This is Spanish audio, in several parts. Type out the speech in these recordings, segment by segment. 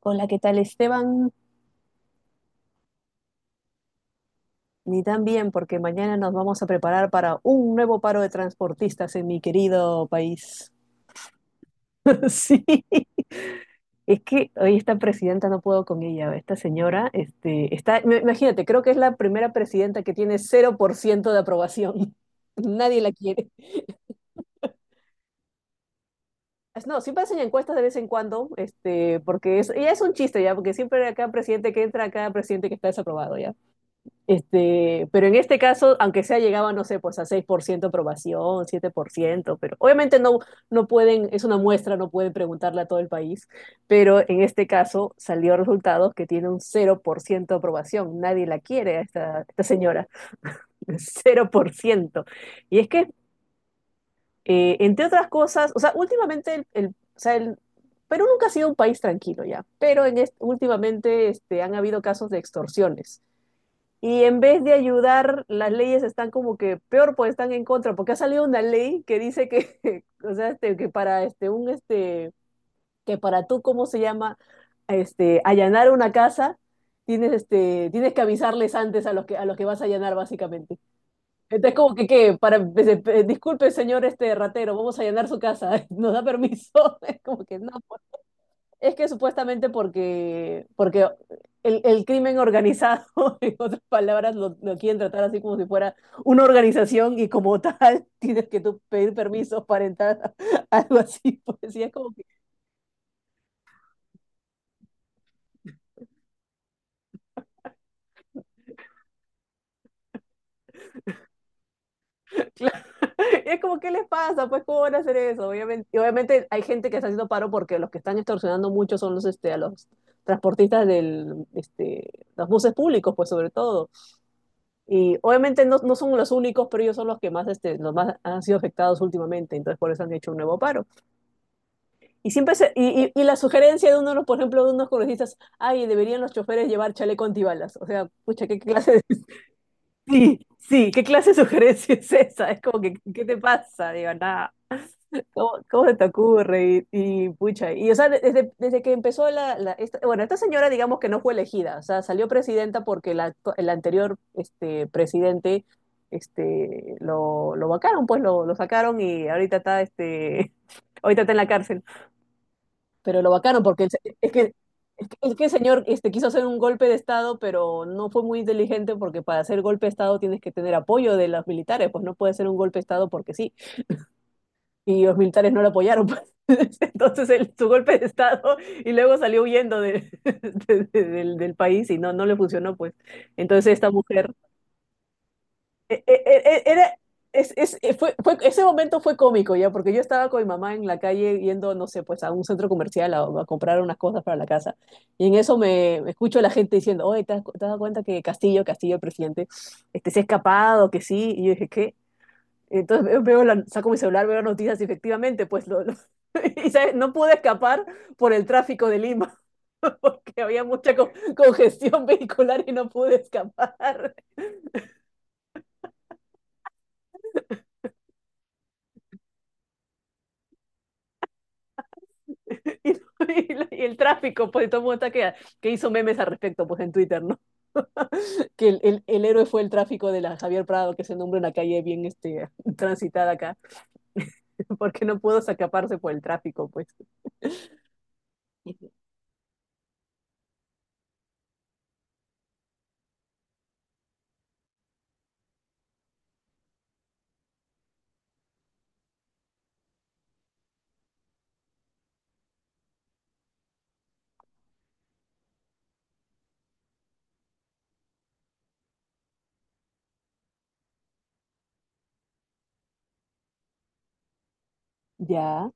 Hola, ¿qué tal Esteban? Ni tan bien, porque mañana nos vamos a preparar para un nuevo paro de transportistas en mi querido país. Sí, es que hoy esta presidenta no puedo con ella, esta señora, está, imagínate, creo que es la primera presidenta que tiene 0% de aprobación. Nadie la quiere. No, siempre hacen encuestas de vez en cuando, porque es, ya es un chiste ya, porque siempre cada presidente que entra, cada presidente que está desaprobado. Pero en este caso, aunque sea llegaba, no sé, pues a 6% aprobación, 7%, pero obviamente no, no pueden, es una muestra, no pueden preguntarle a todo el país, pero en este caso salió resultados que tiene un 0% de aprobación, nadie la quiere a esta señora, 0%. Y es que, entre otras cosas, o sea, últimamente el Perú nunca ha sido un país tranquilo ya, pero en este, últimamente han habido casos de extorsiones, y en vez de ayudar, las leyes están como que peor, pues están en contra, porque ha salido una ley que dice que, o sea, que para tú, ¿cómo se llama? Allanar una casa, tienes tienes que avisarles antes a los que vas a allanar, básicamente. Entonces, como que qué, para, disculpe, señor este ratero, vamos a allanar su casa, nos da permiso. Es como que no, es que supuestamente porque el crimen organizado, en otras palabras, lo quieren tratar así como si fuera una organización y como tal tienes que tú pedir permisos para entrar a algo así. Pues, y es como que, claro, es como, ¿qué les pasa? Pues, ¿cómo van a hacer eso? Obviamente, y obviamente hay gente que está haciendo paro porque los que están extorsionando mucho son a los transportistas del, este, los buses públicos, pues, sobre todo. Y obviamente no son los únicos, pero ellos son los que más, los más han sido afectados últimamente, entonces por eso han hecho un nuevo paro. Y siempre se- y la sugerencia de uno, de los, por ejemplo, de unos congresistas, ay, deberían los choferes llevar chaleco antibalas. O sea, pucha, ¿qué clase de? Sí, sí. ¿Qué clase de sugerencia es esa? Es como que, ¿qué te pasa? Digo, nada. ¿Cómo se te ocurre? Pucha, y o sea, desde que empezó bueno, esta señora digamos que no fue elegida, o sea, salió presidenta porque el anterior presidente lo vacaron, pues lo sacaron y ahorita está, ahorita está en la cárcel, pero lo vacaron porque es que el señor quiso hacer un golpe de Estado, pero no fue muy inteligente porque para hacer golpe de Estado tienes que tener apoyo de los militares, pues no puede ser un golpe de Estado porque sí, y los militares no lo apoyaron. Entonces su golpe de estado y luego salió del país y no, no le funcionó, pues. Entonces esta mujer era... Es, ese momento fue cómico ya, porque yo estaba con mi mamá en la calle yendo, no sé, pues a un centro comercial a comprar unas cosas para la casa. Y en eso me escucho a la gente diciendo, oye, te has dado cuenta que Castillo, el presidente, se ha escapado, que sí? Y yo dije, ¿qué? Entonces saco mi celular, veo las noticias, y efectivamente, pues y ¿sabes? No pude escapar por el tráfico de Lima, porque había mucha congestión vehicular y no pude escapar. Y el tráfico, pues todo el mundo está que hizo memes al respecto, pues en Twitter, ¿no? Que el héroe fue el tráfico de la Javier Prado, que se nombra una calle bien transitada acá, porque no pudo escaparse por el tráfico, pues. Ya,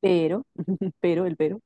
pero, el pero, el pero.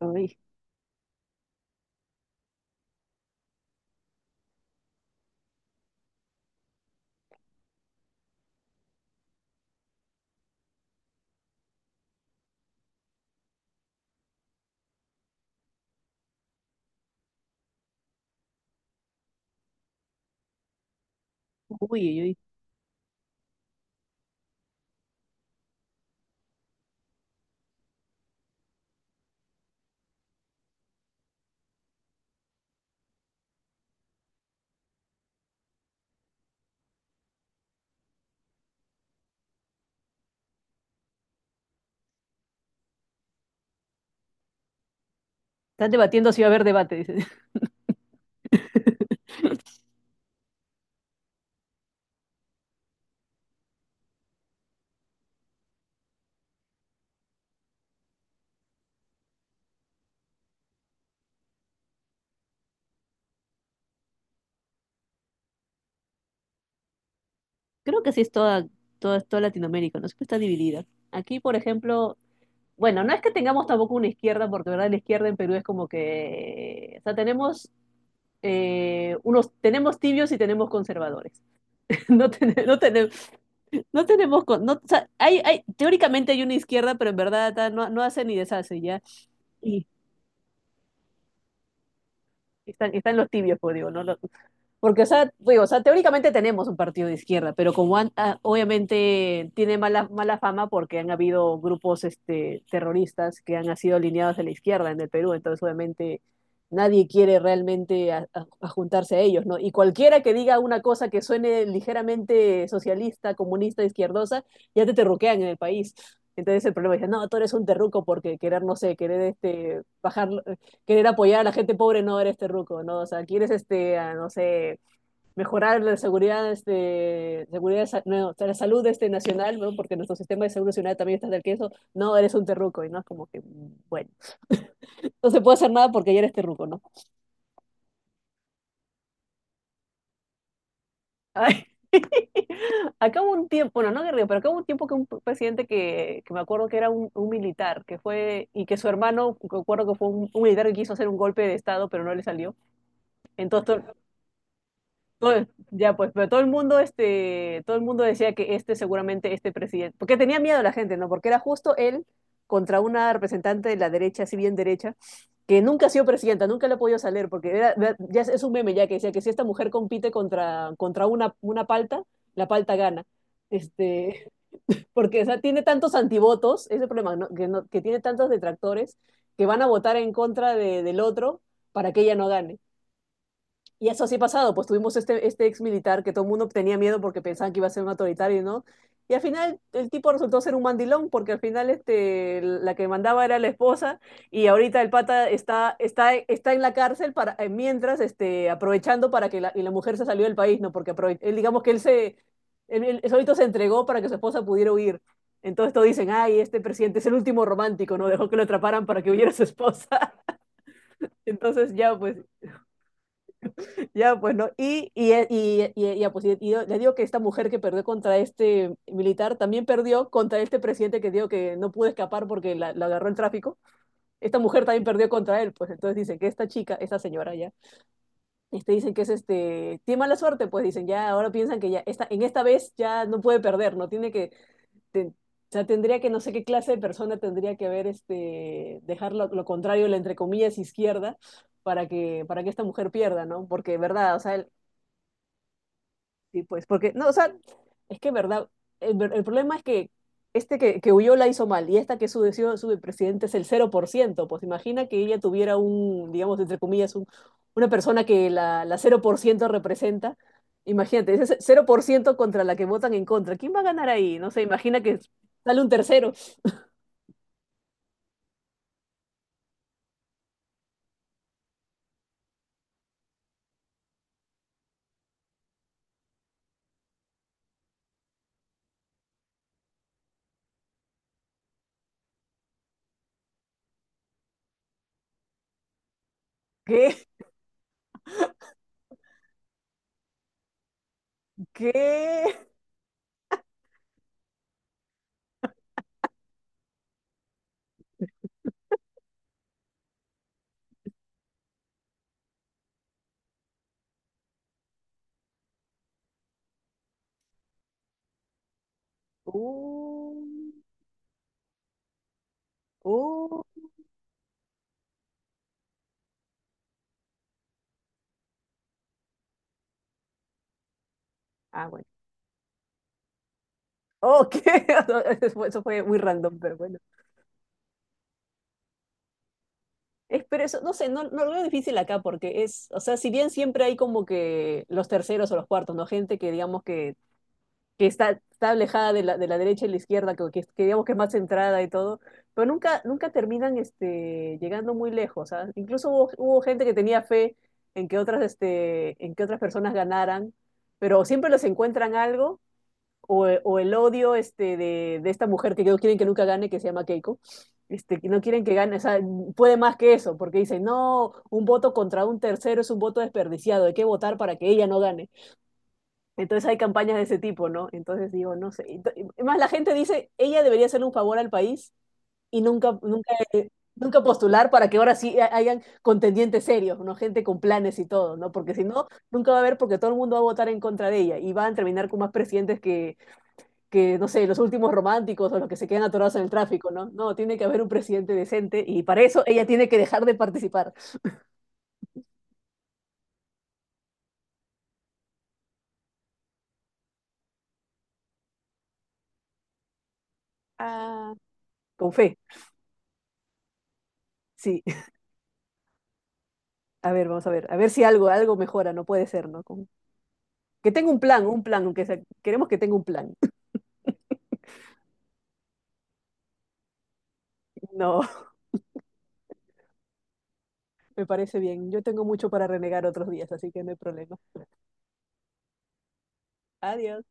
Uy, uy. Están debatiendo si va a haber debate, dice. Creo que sí es toda Latinoamérica, ¿no? Siempre está dividida. Aquí, por ejemplo, bueno, no es que tengamos tampoco una izquierda, porque de verdad la izquierda en Perú es como que, o sea, tenemos unos, tenemos tibios y tenemos conservadores. No, no, o sea, hay, teóricamente hay una izquierda, pero en verdad ta, no, no hace ni deshace, ¿ya? Y están, están los tibios, pues digo, ¿no? Porque, o sea, digo, o sea, teóricamente tenemos un partido de izquierda, pero como ah, obviamente tiene mala fama porque han habido grupos terroristas que han sido alineados a la izquierda en el Perú, entonces obviamente nadie quiere realmente a juntarse a ellos, ¿no? Y cualquiera que diga una cosa que suene ligeramente socialista, comunista, izquierdosa, ya te terruquean en el país. Entonces el problema es, no, tú eres un terruco porque querer, no sé, querer bajar, querer apoyar a la gente pobre, no eres terruco, ¿no? O sea, quieres ah, no sé, mejorar la seguridad, no, la salud nacional, ¿no? Porque nuestro sistema de seguro nacional también está del queso. No, eres un terruco, y no es como que, bueno, no se puede hacer nada porque ya eres terruco, ¿no? Ay, acá hubo un tiempo, bueno, no guerrero, pero acá hubo un tiempo que un presidente que me acuerdo que era un militar, que fue, y que su hermano, me acuerdo que fue un militar que quiso hacer un golpe de estado, pero no le salió. Entonces, ya pues, pero todo el mundo, todo el mundo decía que este seguramente este presidente, porque tenía miedo la gente, ¿no? Porque era justo él contra una representante de la derecha, si bien derecha, que nunca ha sido presidenta, nunca le ha podido salir, porque ya es un meme ya que decía que si esta mujer compite contra una palta, la palta gana. Este, porque o sea, tiene tantos antivotos, ese problema, ¿no? Que, que tiene tantos detractores que van a votar del otro para que ella no gane. Y eso sí ha pasado, pues tuvimos este ex militar que todo el mundo tenía miedo porque pensaban que iba a ser un autoritario, ¿no? Y al final el tipo resultó ser un mandilón porque al final la que mandaba era la esposa y ahorita el pata está en la cárcel para, mientras aprovechando para que la, y la mujer se salió del país, ¿no? Porque aprove él, digamos que él solito se entregó para que su esposa pudiera huir. Entonces todos dicen, ay, este presidente es el último romántico, ¿no? Dejó que lo atraparan para que huyera su esposa. Entonces ya, pues, ya, bueno, ya, pues, le digo que esta mujer que perdió contra este militar también perdió contra este presidente que digo que no pudo escapar porque la agarró el tráfico. Esta mujer también perdió contra él, pues entonces dicen que esta chica, esta señora ya, dicen que tiene mala suerte, pues dicen ya, ahora piensan que ya, esta, en esta vez ya no puede perder, no tiene que, ten- o sea, tendría que, no sé qué clase de persona tendría que haber, dejar lo contrario, la entre comillas izquierda, para que esta mujer pierda, ¿no? Porque, ¿verdad? O sea, sí, pues, porque, no, o sea, es que, verdad, el problema es que este que huyó la hizo mal y esta que su decidió su presidente es el 0%, pues imagina que ella tuviera un, digamos, entre comillas, una persona que la 0% representa. Imagínate, ese 0% contra la que votan en contra. ¿Quién va a ganar ahí? No sé, imagina que sale un tercero. ¿Qué? ¿Qué? Uh, uh. Ah, bueno. Ok, eso fue muy random, pero bueno. Es, pero eso, no sé, no, no lo veo difícil acá porque es, o sea, si bien siempre hay como que los terceros o los cuartos, ¿no? Gente que digamos que está, está alejada de de la derecha y la izquierda, que, que digamos que es más centrada y todo, pero nunca, nunca terminan llegando muy lejos, ¿ah? Incluso hubo, hubo gente que tenía fe en que otras, en que otras personas ganaran, pero siempre les encuentran algo o el odio de esta mujer que no quieren que nunca gane, que se llama Keiko, que no quieren que gane, o sea, puede más que eso, porque dicen, no, un voto contra un tercero es un voto desperdiciado, hay que votar para que ella no gane. Entonces hay campañas de ese tipo, ¿no? Entonces digo, no sé. Más la gente dice, ella debería hacerle un favor al país y nunca, nunca postular para que ahora sí hayan contendientes serios, ¿no? Gente con planes y todo, ¿no? Porque si no, nunca va a haber porque todo el mundo va a votar en contra de ella y van a terminar con más presidentes que, no sé, los últimos románticos o los que se quedan atorados en el tráfico, ¿no? No, tiene que haber un presidente decente y para eso ella tiene que dejar de participar. Ah, con fe, sí. A ver, vamos a ver si algo, algo mejora, no puede ser, ¿no? Con... Que tenga un plan, aunque sea, queremos que tenga un plan. No, me parece bien. Yo tengo mucho para renegar otros días, así que no hay problema. Adiós.